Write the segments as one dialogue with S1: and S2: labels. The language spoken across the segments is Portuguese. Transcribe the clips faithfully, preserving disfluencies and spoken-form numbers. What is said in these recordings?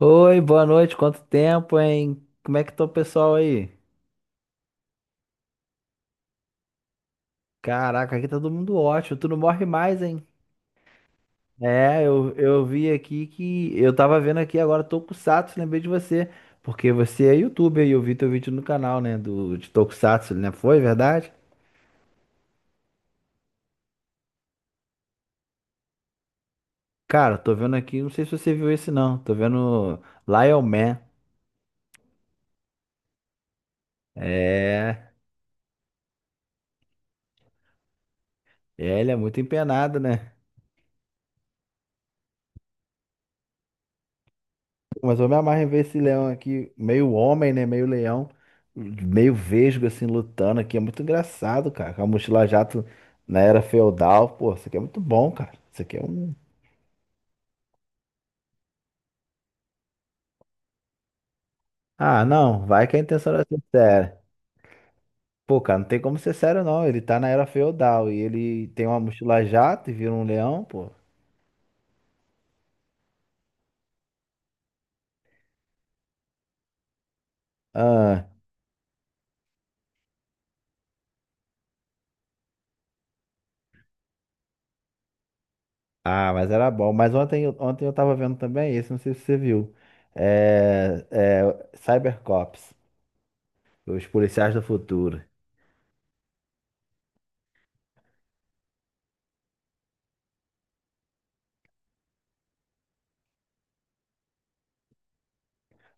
S1: Oi, boa noite, quanto tempo, hein? Como é que tá o pessoal aí? Caraca, aqui tá todo mundo ótimo, tu não morre mais, hein? É, eu, eu vi aqui que. Eu tava vendo aqui agora Tokusatsu, lembrei de você, porque você é youtuber e eu vi teu vídeo no canal, né? Do, de Tokusatsu, né? Foi verdade? Cara, tô vendo aqui, não sei se você viu esse não, tô vendo Lion Man. É, é, ele é muito empenado, né? Mas eu me amarro em ver esse leão aqui, meio homem, né? Meio leão, meio vesgo, assim, lutando aqui. É muito engraçado, cara. Com a mochila jato na era feudal. Pô, isso aqui é muito bom, cara. Isso aqui é um. Ah, não, vai que a intenção era ser séria. Pô, cara, não tem como ser sério, não. Ele tá na era feudal e ele tem uma mochila jato e vira um leão, pô. Ah, ah, mas era bom. Mas ontem, ontem eu tava vendo também esse, não sei se você viu. É, é Cybercops, os policiais do futuro.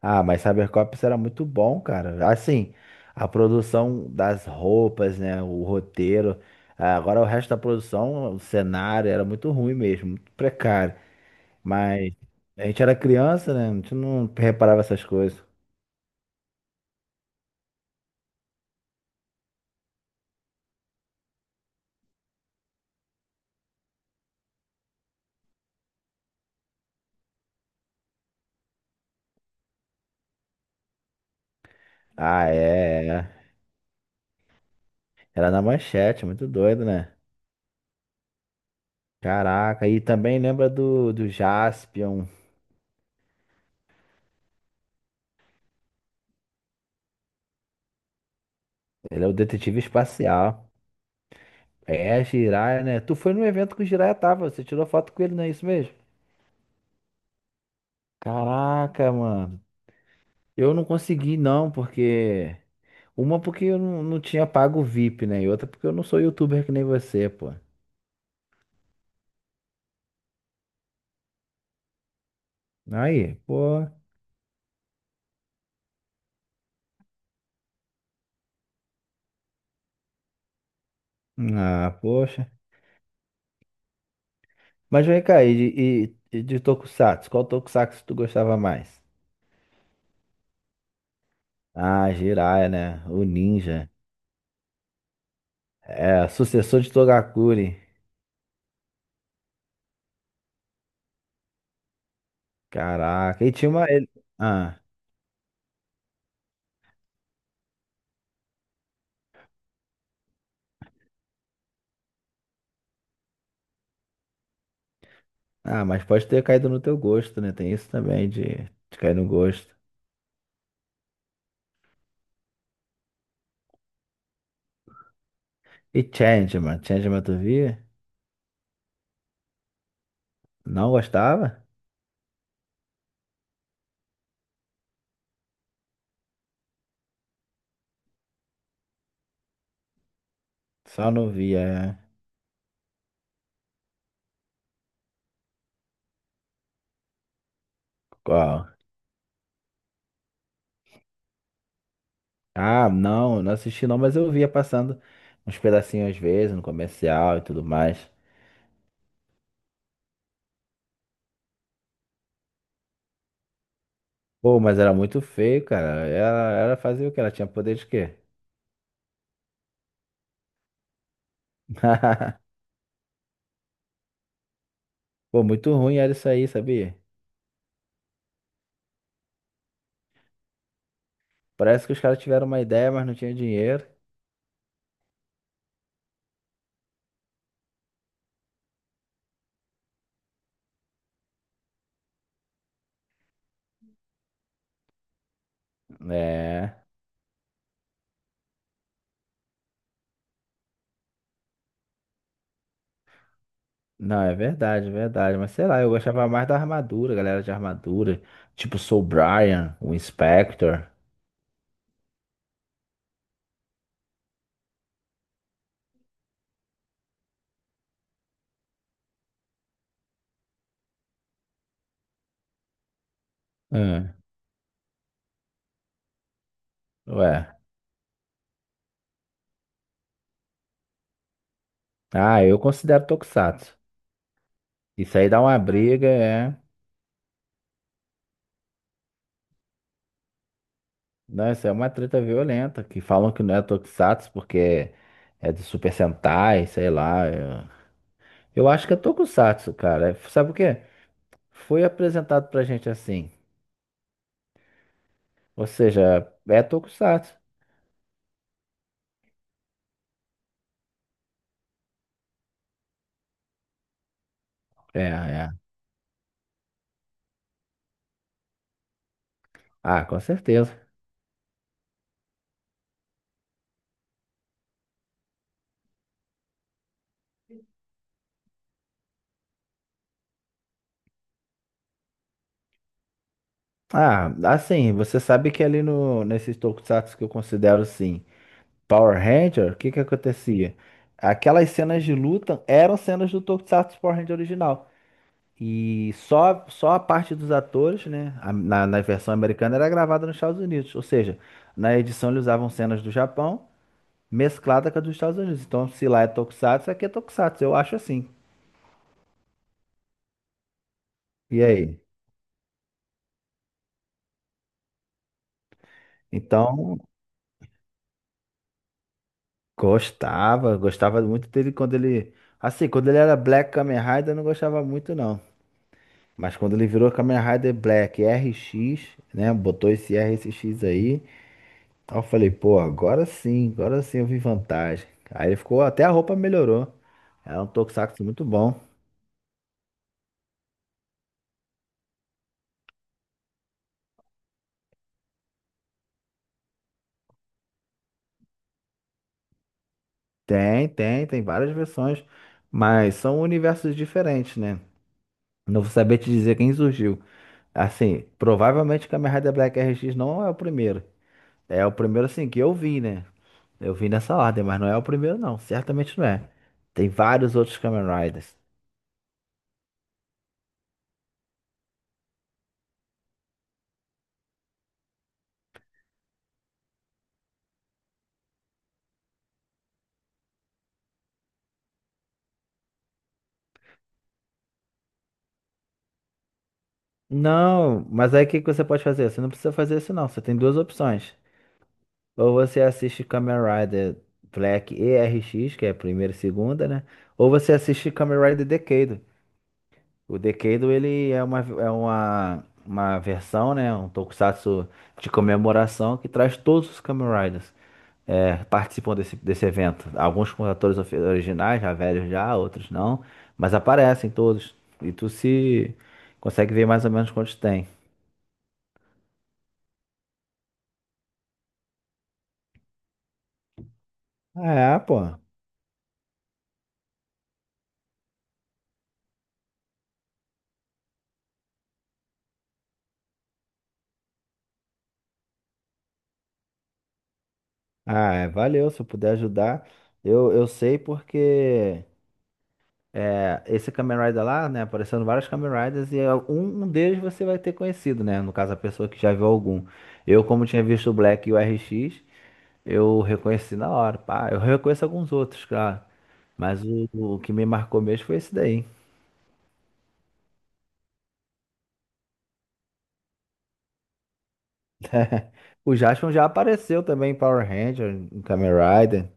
S1: Ah, mas Cybercops era muito bom, cara. Assim, a produção das roupas, né? O roteiro. Ah, agora o resto da produção, o cenário era muito ruim mesmo, muito precário. Mas a gente era criança, né? A gente não reparava essas coisas. Ah, é, é. Era na manchete, muito doido, né? Caraca, e também lembra do, do Jaspion. Ele é o detetive espacial. É, é Jiraiya, né? Tu foi no evento que o Jiraiya tava, você tirou foto com ele, não é isso mesmo? Caraca, mano. Eu não consegui, não, porque. Uma porque eu não, não tinha pago o V I P, né? E outra porque eu não sou youtuber que nem você, pô. Aí, pô. Ah, poxa. Mas vem cá, e de, e e de Tokusatsu? Qual Tokusatsu tu gostava mais? Ah, Jiraiya, né? O Ninja. É, sucessor de Togakuri. Caraca. E tinha uma. ele- Ah, ah, mas pode ter caído no teu gosto, né? Tem isso também de, de cair no gosto. E Changeman? Changeman tu via? Não gostava? Só não via. É. Qual? Ah, não, não assisti não, mas eu via passando uns pedacinhos às vezes no comercial e tudo mais. Pô, mas era muito feio, cara. Ela, ela fazia o quê? Ela tinha poder de quê? Pô, muito ruim era isso aí, sabia? Parece que os caras tiveram uma ideia, mas não tinha dinheiro. É. Não, é verdade, é verdade. Mas sei lá, eu gostava mais da armadura, galera de armadura. Tipo Soul Brian, o Inspector. Hum, ué. Ah, eu considero Tokusatsu. Isso aí dá uma briga, é. Não, isso é uma treta violenta, que falam que não é Tokusatsu porque é de Super Sentai, sei lá. Eu, eu acho que é Tokusatsu, cara. É, sabe por quê? Foi apresentado pra gente assim. Ou seja, é Tokusatsu. É, é. Ah, com certeza. Ah, assim, você sabe que ali no, nesses Tokusatsu que eu considero assim, Power Ranger, o que que acontecia? Aquelas cenas de luta eram cenas do Tokusatsu Power Ranger original. E só, só a parte dos atores, né? a- na, na versão americana era gravada nos Estados Unidos. Ou seja, na edição eles usavam cenas do Japão mesclada com a dos Estados Unidos. Então, se lá é Tokusatsu, aqui é Tokusatsu. Eu acho assim. E aí? Então, gostava, gostava muito dele quando ele. Assim, quando ele era Black Kamen Rider, eu não gostava muito, não. Mas quando ele virou Kamen Rider Black R X, né? Botou esse R S X aí. Aí eu falei, pô, agora sim, agora sim eu vi vantagem. Aí ele ficou, até a roupa melhorou. É um tokusatsu muito bom. Tem, tem, tem várias versões, mas são universos diferentes, né? Não vou saber te dizer quem surgiu. Assim, provavelmente Kamen Rider Black R X não é o primeiro. É o primeiro, assim, que eu vi, né? Eu vi nessa ordem, mas não é o primeiro, não. Certamente não é. Tem vários outros Kamen Riders. Não, mas aí o que que você pode fazer? Você não precisa fazer isso, não. Você tem duas opções. Ou você assiste Kamen Rider Black E R X, que é a primeira e segunda, né? Ou você assiste Kamen Rider Decade. O Decade, ele é uma, é uma, uma versão, né? Um tokusatsu de comemoração que traz todos os Kamen Riders. É, participam desse, desse evento. Alguns com atores ofi- originais, já velhos já, outros não. Mas aparecem todos. E tu se consegue ver mais ou menos quantos tem. É, pô. Ah, é, valeu, se eu puder ajudar. Eu, eu sei porque é, esse Kamen Rider lá, né, aparecendo vários Kamen Riders e um, um deles você vai ter conhecido, né? No caso, a pessoa que já viu algum. Eu, como tinha visto o Black e o R X, eu reconheci na hora. Pá, eu reconheço alguns outros, claro. Mas o, o que me marcou mesmo foi esse daí. O Jaspion já apareceu também em Power Ranger, em Kamen Rider.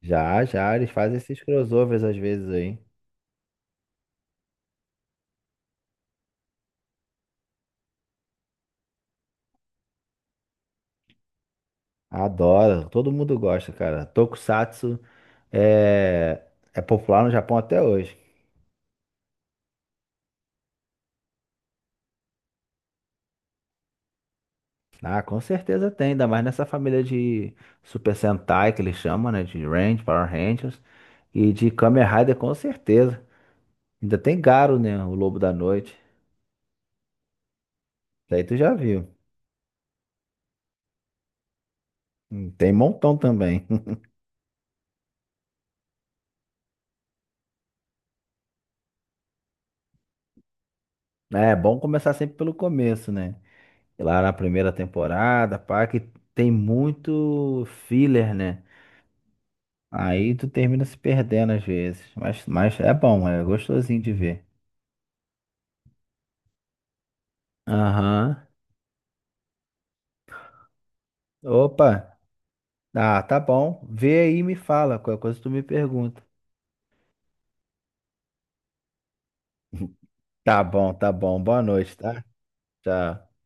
S1: Já, já, eles fazem esses crossovers às vezes aí. Adoro, todo mundo gosta, cara. Tokusatsu. É, é popular no Japão até hoje. Ah, com certeza tem, ainda mais nessa família de Super Sentai que eles chamam, né? De Range, Power Rangers e de Kamen Rider, com certeza. Ainda tem Garo, né? O Lobo da Noite. Daí tu já viu. Hum, Tem montão também. É bom começar sempre pelo começo, né? Lá na primeira temporada, pá, que tem muito filler, né? Aí tu termina se perdendo às vezes. Mas, mas é bom, é gostosinho de ver. Aham. Opa, ah, tá bom. Vê aí e me fala, qualquer coisa tu me pergunta. Tá bom, tá bom. Boa noite, tá? Tchau.